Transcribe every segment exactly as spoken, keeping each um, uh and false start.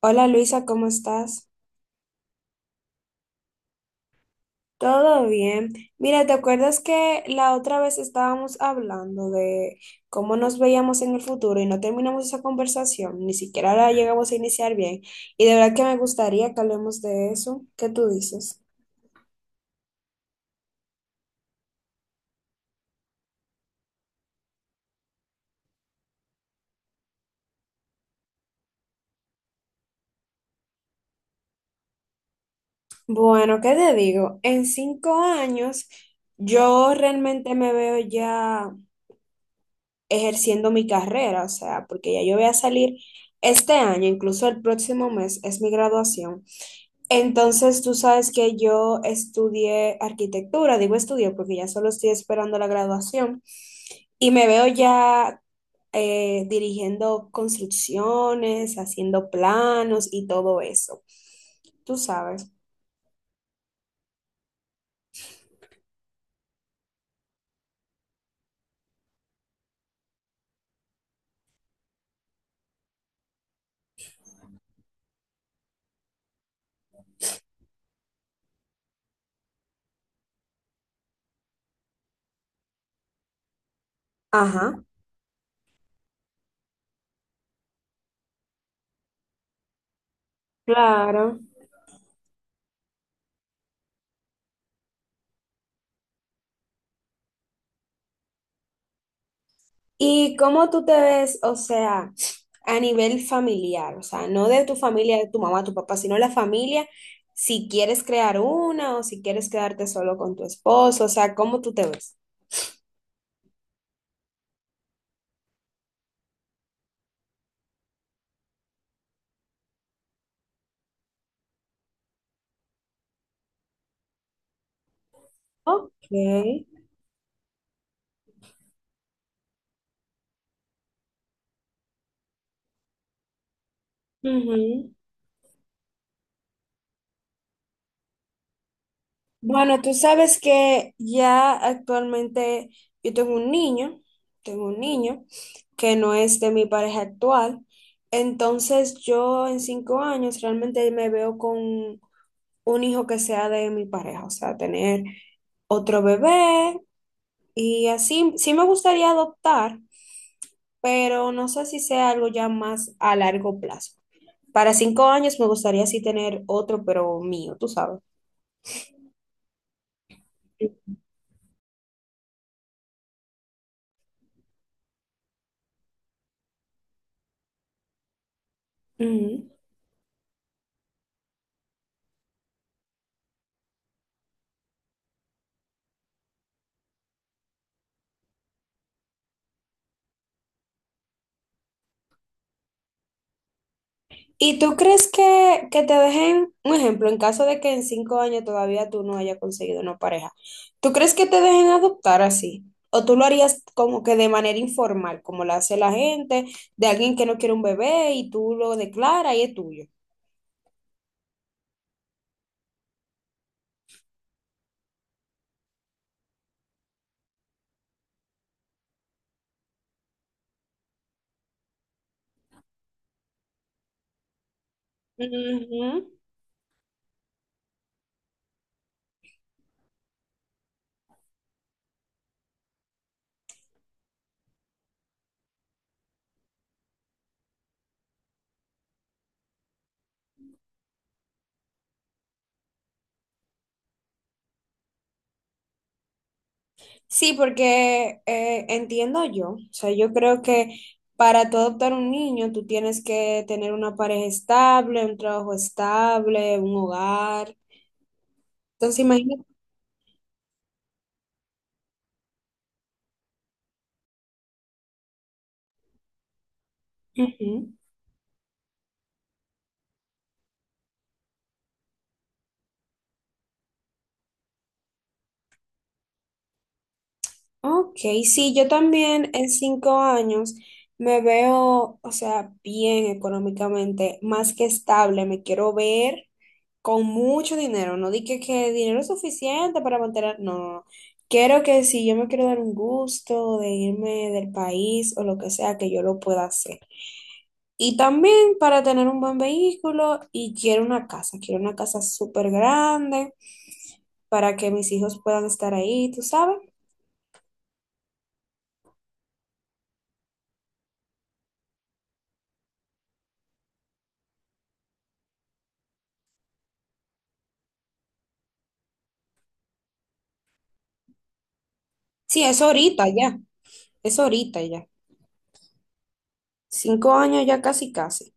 Hola Luisa, ¿cómo estás? Todo bien. Mira, ¿te acuerdas que la otra vez estábamos hablando de cómo nos veíamos en el futuro y no terminamos esa conversación? Ni siquiera la llegamos a iniciar bien. Y de verdad que me gustaría que hablemos de eso. ¿Qué tú dices? Bueno, ¿qué te digo? En cinco años yo realmente me veo ya ejerciendo mi carrera, o sea, porque ya yo voy a salir este año, incluso el próximo mes es mi graduación. Entonces, tú sabes que yo estudié arquitectura, digo estudié porque ya solo estoy esperando la graduación y me veo ya eh, dirigiendo construcciones, haciendo planos y todo eso. Tú sabes. Ajá. Claro. ¿Y cómo tú te ves, o sea, a nivel familiar? O sea, no de tu familia, de tu mamá, tu papá, sino la familia, si quieres crear una o si quieres quedarte solo con tu esposo, o sea, ¿cómo tú te ves? Ok. Ujú. Bueno, tú sabes que ya actualmente yo tengo un niño, tengo un niño que no es de mi pareja actual, entonces yo en cinco años realmente me veo con un hijo que sea de mi pareja, o sea, tener otro bebé y así. Sí me gustaría adoptar, pero no sé si sea algo ya más a largo plazo. Para cinco años me gustaría sí tener otro, pero mío, tú sabes. Ujú. ¿Y tú crees que, que te dejen, un ejemplo, en caso de que en cinco años todavía tú no hayas conseguido una pareja, ¿tú crees que te dejen adoptar así? ¿O tú lo harías como que de manera informal, como lo hace la gente, de alguien que no quiere un bebé y tú lo declaras y es tuyo? Ujú. Sí, porque eh, entiendo yo, o sea, yo creo que para tú adoptar un niño, tú tienes que tener una pareja estable, un trabajo estable, un hogar. Entonces, imagínate. Ok, sí, yo también en cinco años me veo, o sea, bien económicamente, más que estable, me quiero ver con mucho dinero, no dije que, que dinero es suficiente para mantener, no, no, no. Quiero que si yo me quiero dar un gusto de irme del país o lo que sea, que yo lo pueda hacer. Y también para tener un buen vehículo y quiero una casa, quiero una casa súper grande para que mis hijos puedan estar ahí, tú sabes. Sí, es ahorita ya, es ahorita ya. Cinco años ya casi casi.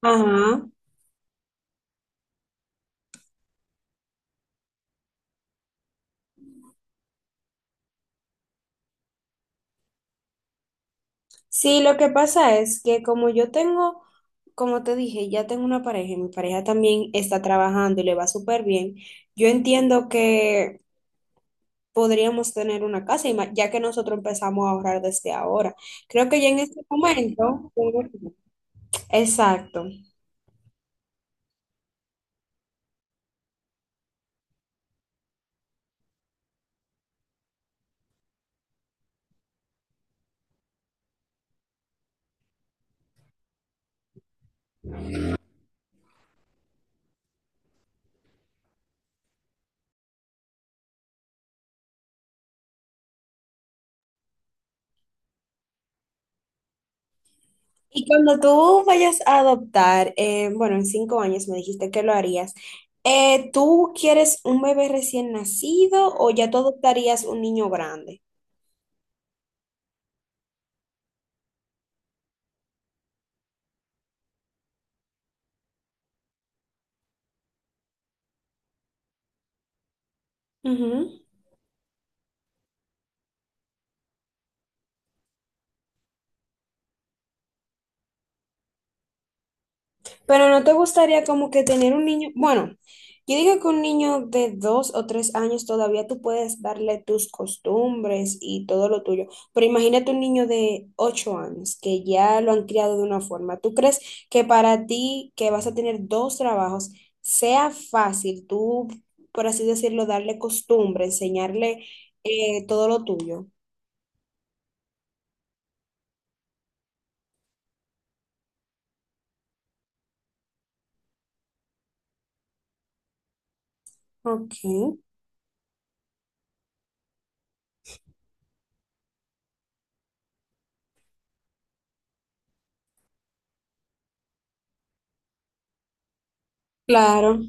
Ajá. Sí, lo que pasa es que como yo tengo, como te dije, ya tengo una pareja y mi pareja también está trabajando y le va súper bien, yo entiendo que podríamos tener una casa, y ma- ya que nosotros empezamos a ahorrar desde ahora. Creo que ya en este momento, exacto. Y cuando tú vayas a adoptar, eh, bueno, en cinco años me dijiste que lo harías, eh, ¿tú quieres un bebé recién nacido o ya tú adoptarías un niño grande? Ujú. Pero no te gustaría como que tener un niño, bueno, yo digo que un niño de dos o tres años todavía tú puedes darle tus costumbres y todo lo tuyo, pero imagínate un niño de ocho años que ya lo han criado de una forma. ¿Tú crees que para ti que vas a tener dos trabajos sea fácil tú, por así decirlo, darle costumbre, enseñarle eh, todo lo tuyo? Ok, claro.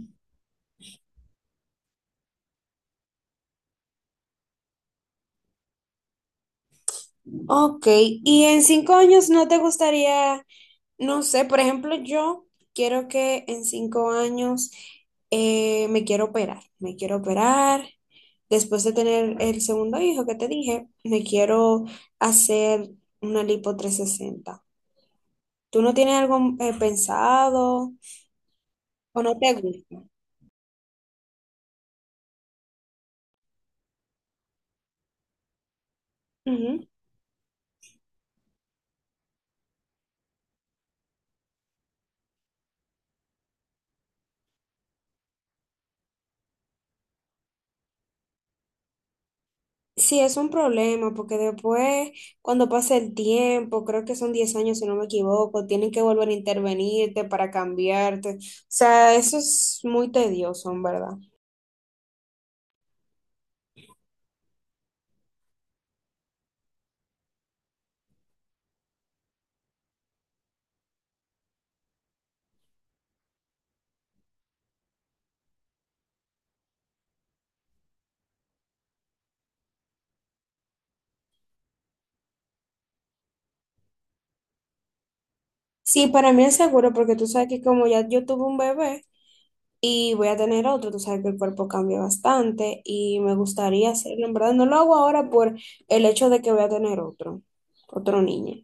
Ok, y en cinco años no te gustaría. No sé, por ejemplo, yo quiero que en cinco años eh, me quiero operar, me quiero operar. Después de tener el segundo hijo que te dije, me quiero hacer una lipo trescientos sesenta. ¿Tú no tienes algo eh, pensado o no te gusta? Ujú. Sí, es un problema porque después, cuando pase el tiempo, creo que son diez años si no me equivoco, tienen que volver a intervenirte para cambiarte. O sea, eso es muy tedioso, en verdad. Sí, para mí es seguro porque tú sabes que como ya yo tuve un bebé y voy a tener otro, tú sabes que el cuerpo cambia bastante y me gustaría hacerlo. En verdad, no lo hago ahora por el hecho de que voy a tener otro, otro niño.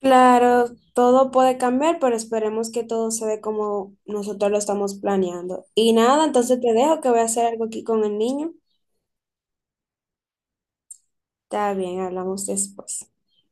Claro, todo puede cambiar, pero esperemos que todo se dé como nosotros lo estamos planeando. Y nada, entonces te dejo que voy a hacer algo aquí con el niño. Está bien, hablamos después.